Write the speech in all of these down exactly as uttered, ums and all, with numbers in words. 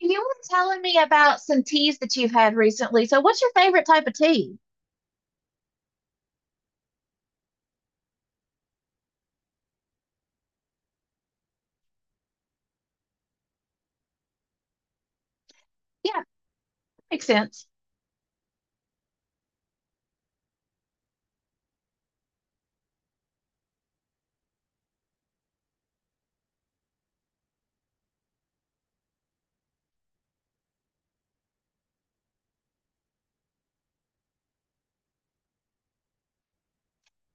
You were telling me about some teas that you've had recently. So, what's your favorite type of tea? Yeah, makes sense.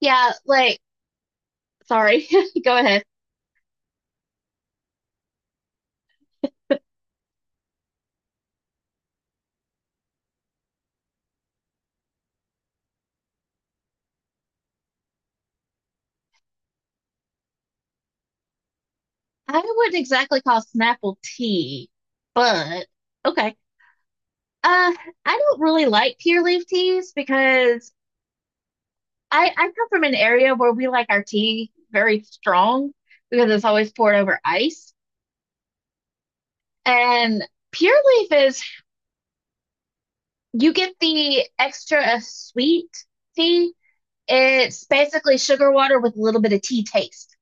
Yeah, like, sorry, go ahead. I wouldn't exactly call Snapple tea, but okay. Uh, I don't really like pure leaf teas because I I come from an area where we like our tea very strong because it's always poured over ice. And pure leaf is you get the extra sweet tea. It's basically sugar water with a little bit of tea taste.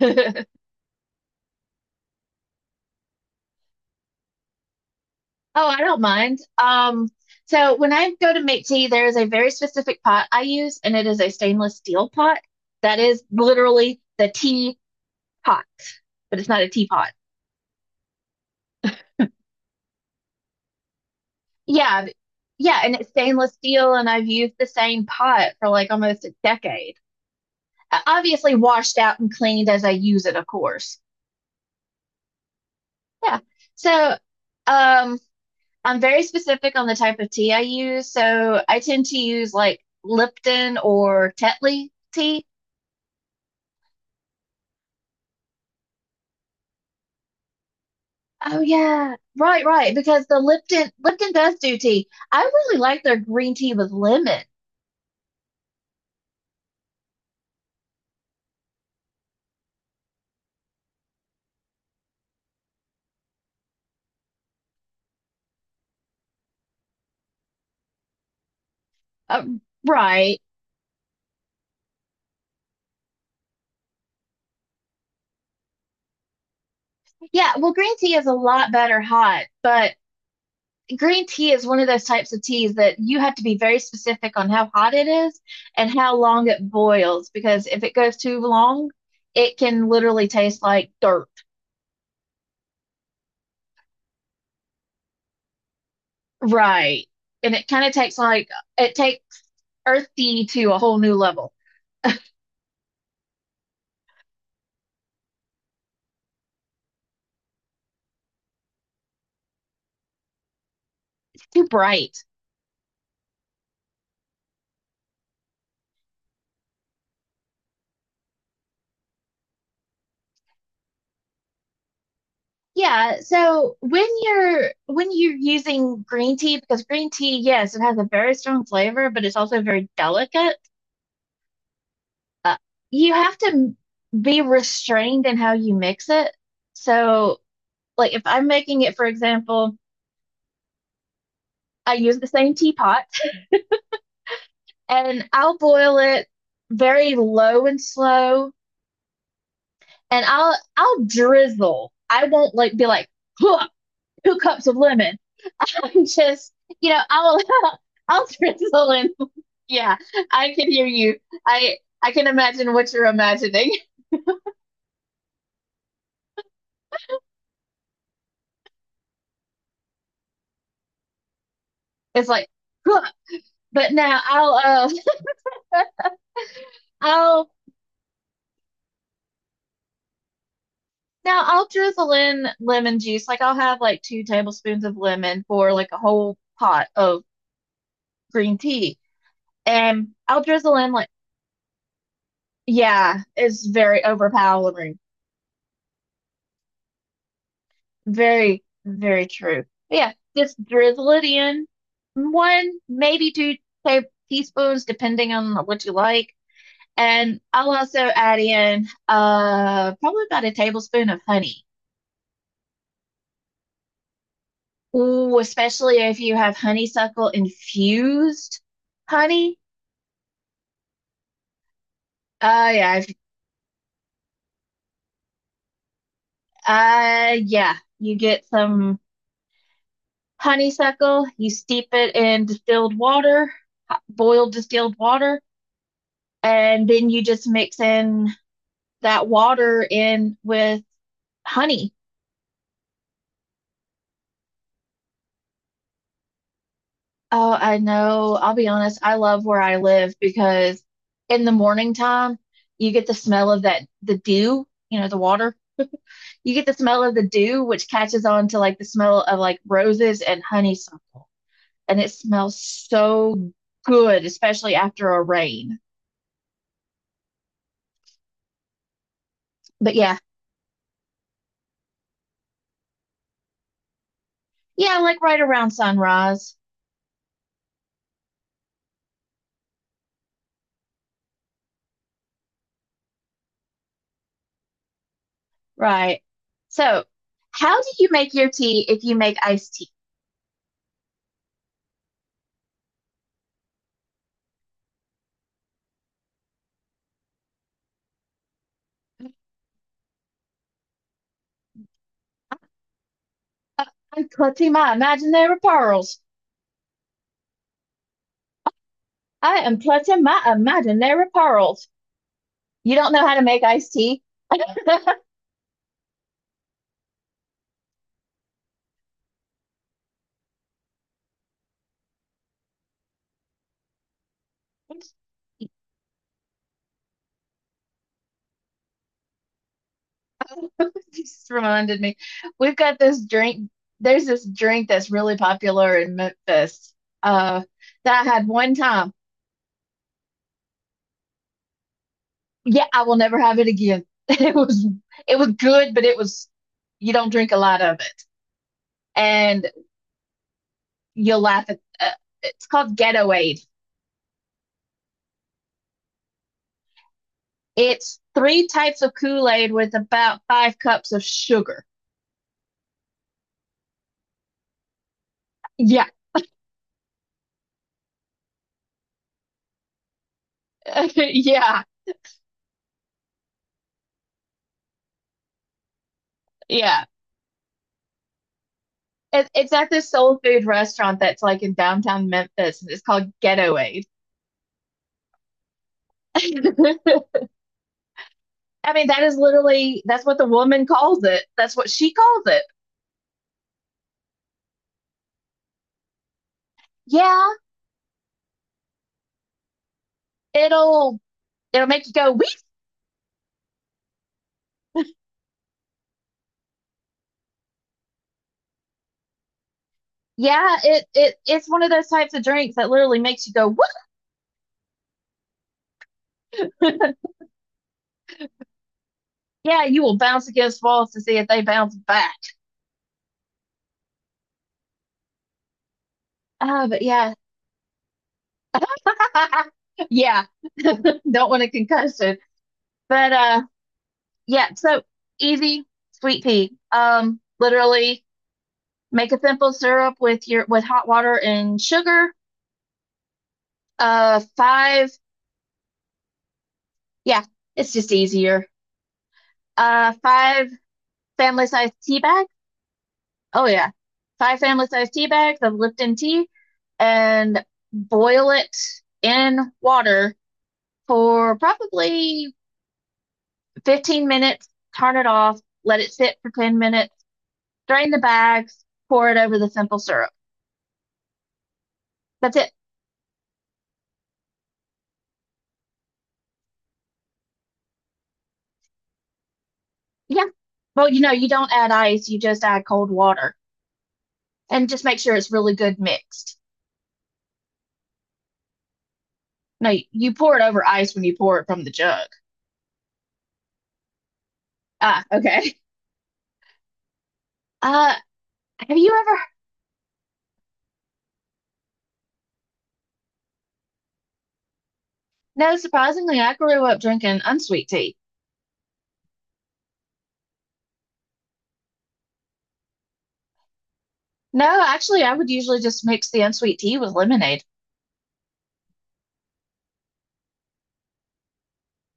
Oh, I don't mind. Um, so when I go to make tea, there is a very specific pot I use, and it is a stainless steel pot that is literally the tea pot, but it's not a teapot. Yeah, b- yeah, and it's stainless steel, and I've used the same pot for like almost a decade. Uh, Obviously washed out and cleaned as I use it, of course. Yeah. So, um, I'm very specific on the type of tea I use. So I tend to use like Lipton or Tetley tea. Oh yeah, right, right. Because the Lipton Lipton does do tea. I really like their green tea with lemon. Um, right. Yeah. Well, green tea is a lot better hot, but green tea is one of those types of teas that you have to be very specific on how hot it is and how long it boils. Because if it goes too long, it can literally taste like dirt. Right. And it kind of takes like it takes earthy to a whole new level. Too bright. Yeah, so when you're when you're using green tea, because green tea, yes, it has a very strong flavor, but it's also very delicate. Uh, you have to m- be restrained in how you mix it. So, like if I'm making it, for example, I use the same teapot and I'll boil it very low and slow and I'll I'll drizzle. I won't like be like huh, two cups of lemon. I'm just you know I'll I'll drizzle and yeah, I can hear you. I I can imagine what you're imagining. It's like huh, but now I'll uh I'll now I'll drizzle in lemon juice. Like I'll have like two tablespoons of lemon for like a whole pot of green tea, and I'll drizzle in like, yeah, it's very overpowering. Very, very true. Yeah, just drizzle it in. One, maybe two ta- teaspoons, depending on what you like. And I'll also add in uh probably about a tablespoon of honey. Ooh, especially if you have honeysuckle infused honey. Uh yeah, if, uh yeah, you get some honeysuckle, you steep it in distilled water, hot- boiled distilled water, and then you just mix in that water in with honey. Oh, I know. I'll be honest. I love where I live because in the morning time, you get the smell of that, the dew, you know, the water. You get the smell of the dew, which catches on to like the smell of like roses and honeysuckle. And it smells so good, especially after a rain. But yeah, yeah, like right around sunrise. Right. So, how do you make your tea if you make iced tea? I'm clutching my imaginary pearls. I am clutching my imaginary pearls. You don't know how to make iced tea? Just reminded me. We've got this drink. There's this drink that's really popular in Memphis, uh, that I had one time. Yeah, I will never have it again. It was it was good, but it was you don't drink a lot of it, and you'll laugh at. Uh, it's called Ghetto Aid. It's three types of Kool Aid with about five cups of sugar. Yeah, yeah, yeah. It, it's at this soul food restaurant that's like in downtown Memphis, and it's called Ghetto Aid. I mean, that is literally that's what the woman calls it. That's what she calls it. Yeah, it'll it'll make you go whoop. Yeah, it it it's one of those types of drinks that literally makes you go whoop. Yeah, you will bounce against walls to see if they bounce back. Uh, but yeah, yeah, don't want a concussion. But uh, yeah, so easy, sweet pea. Um, literally make a simple syrup with your with hot water and sugar. Uh, five. Yeah, it's just easier. Uh, five family size tea bags. Oh yeah, five family size tea bags of Lipton tea, and boil it in water for probably fifteen minutes. Turn it off. Let it sit for ten minutes. Drain the bags. Pour it over the simple syrup. That's it. Yeah. Well, you know, you don't add ice. You just add cold water. And just make sure it's really good mixed. No, you pour it over ice when you pour it from the jug. Ah, okay. Uh, have you ever? No, surprisingly, I grew up drinking unsweet tea. No, actually, I would usually just mix the unsweet tea with lemonade.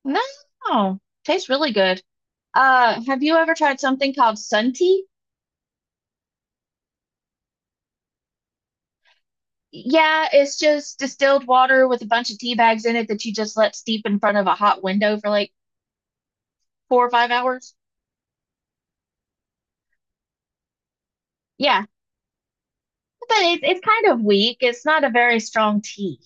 No, tastes really good. Uh, have you ever tried something called sun tea? Yeah, it's just distilled water with a bunch of tea bags in it that you just let steep in front of a hot window for like four or five hours. Yeah, but it, it's kind of weak. It's not a very strong tea.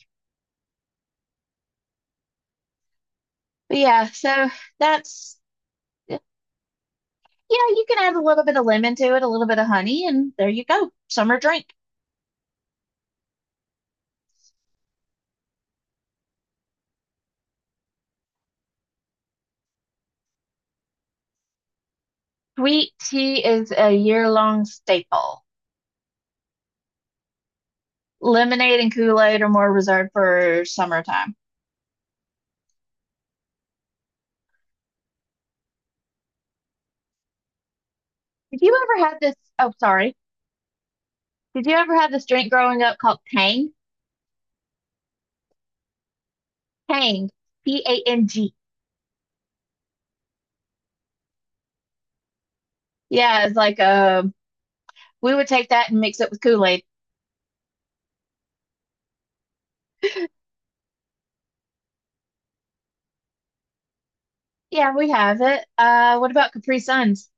But yeah, so that's yeah, you can add a little bit of lemon to it, a little bit of honey, and there you go. Summer drink. Sweet tea is a year-long staple. Lemonade and Kool-Aid are more reserved for summertime. Did you ever have this? Oh, sorry. Did you ever have this drink growing up called Tang? Tang, P A N G. Yeah, it's like um, we would take that and mix it with Kool-Aid. Yeah, we have it. Uh, what about Capri Suns?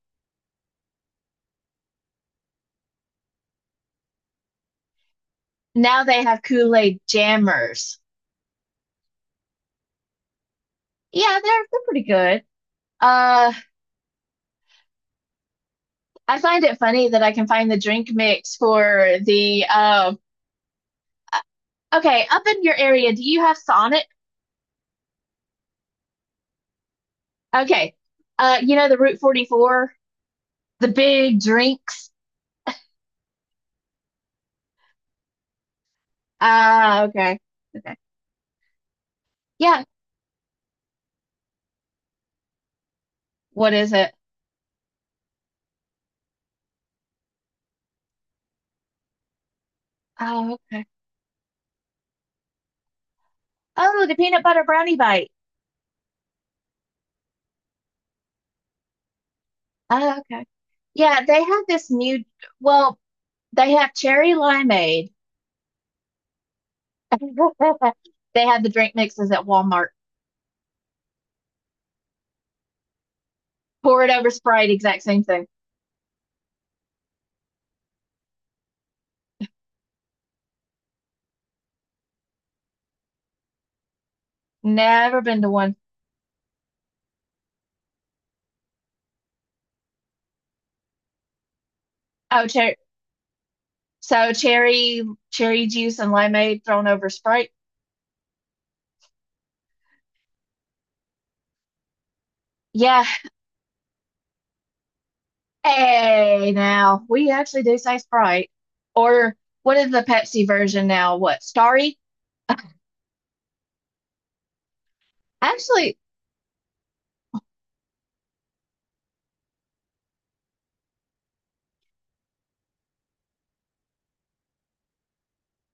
Now they have Kool-Aid jammers. Yeah, they're they're pretty good. Uh, I find it funny that I can find the drink mix for the um, uh, okay, up in your area, do you have Sonic? Okay. Uh, you know the Route forty-four, the big drinks. Ah, okay. Okay. Yeah. What is it? Oh, okay. Oh, the peanut butter brownie bite. Oh, okay. Yeah, they have this new, well, they have cherry limeade. They have the drink mixes at Walmart. Pour it over Sprite, exact same thing. Never been to one. Oh, cherry. So cherry, cherry juice and limeade thrown over Sprite. Yeah. Hey, now we actually do say Sprite. Or what is the Pepsi version now? What, Starry? Actually,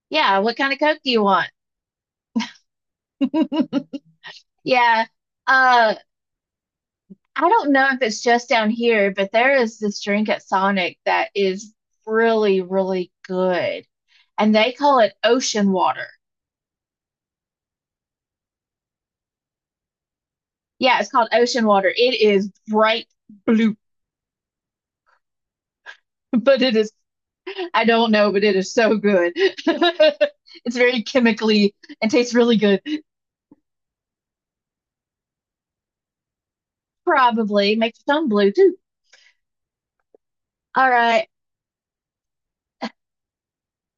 yeah, what kind of Coke do you want? Yeah. Uh, I don't know if it's just down here, but there is this drink at Sonic that is really, really good. And they call it ocean water. Yeah, it's called ocean water. It is bright blue. But it is I don't know, but it is so good. It's very chemically and tastes really good. Probably makes your tongue blue too. All right,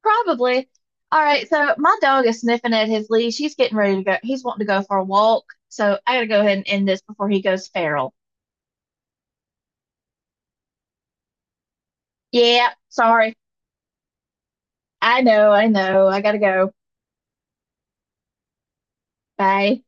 probably. All right, so my dog is sniffing at his leash. He's getting ready to go. He's wanting to go for a walk. So I gotta go ahead and end this before he goes feral. Yeah, sorry. I know, I know. I gotta go. Bye.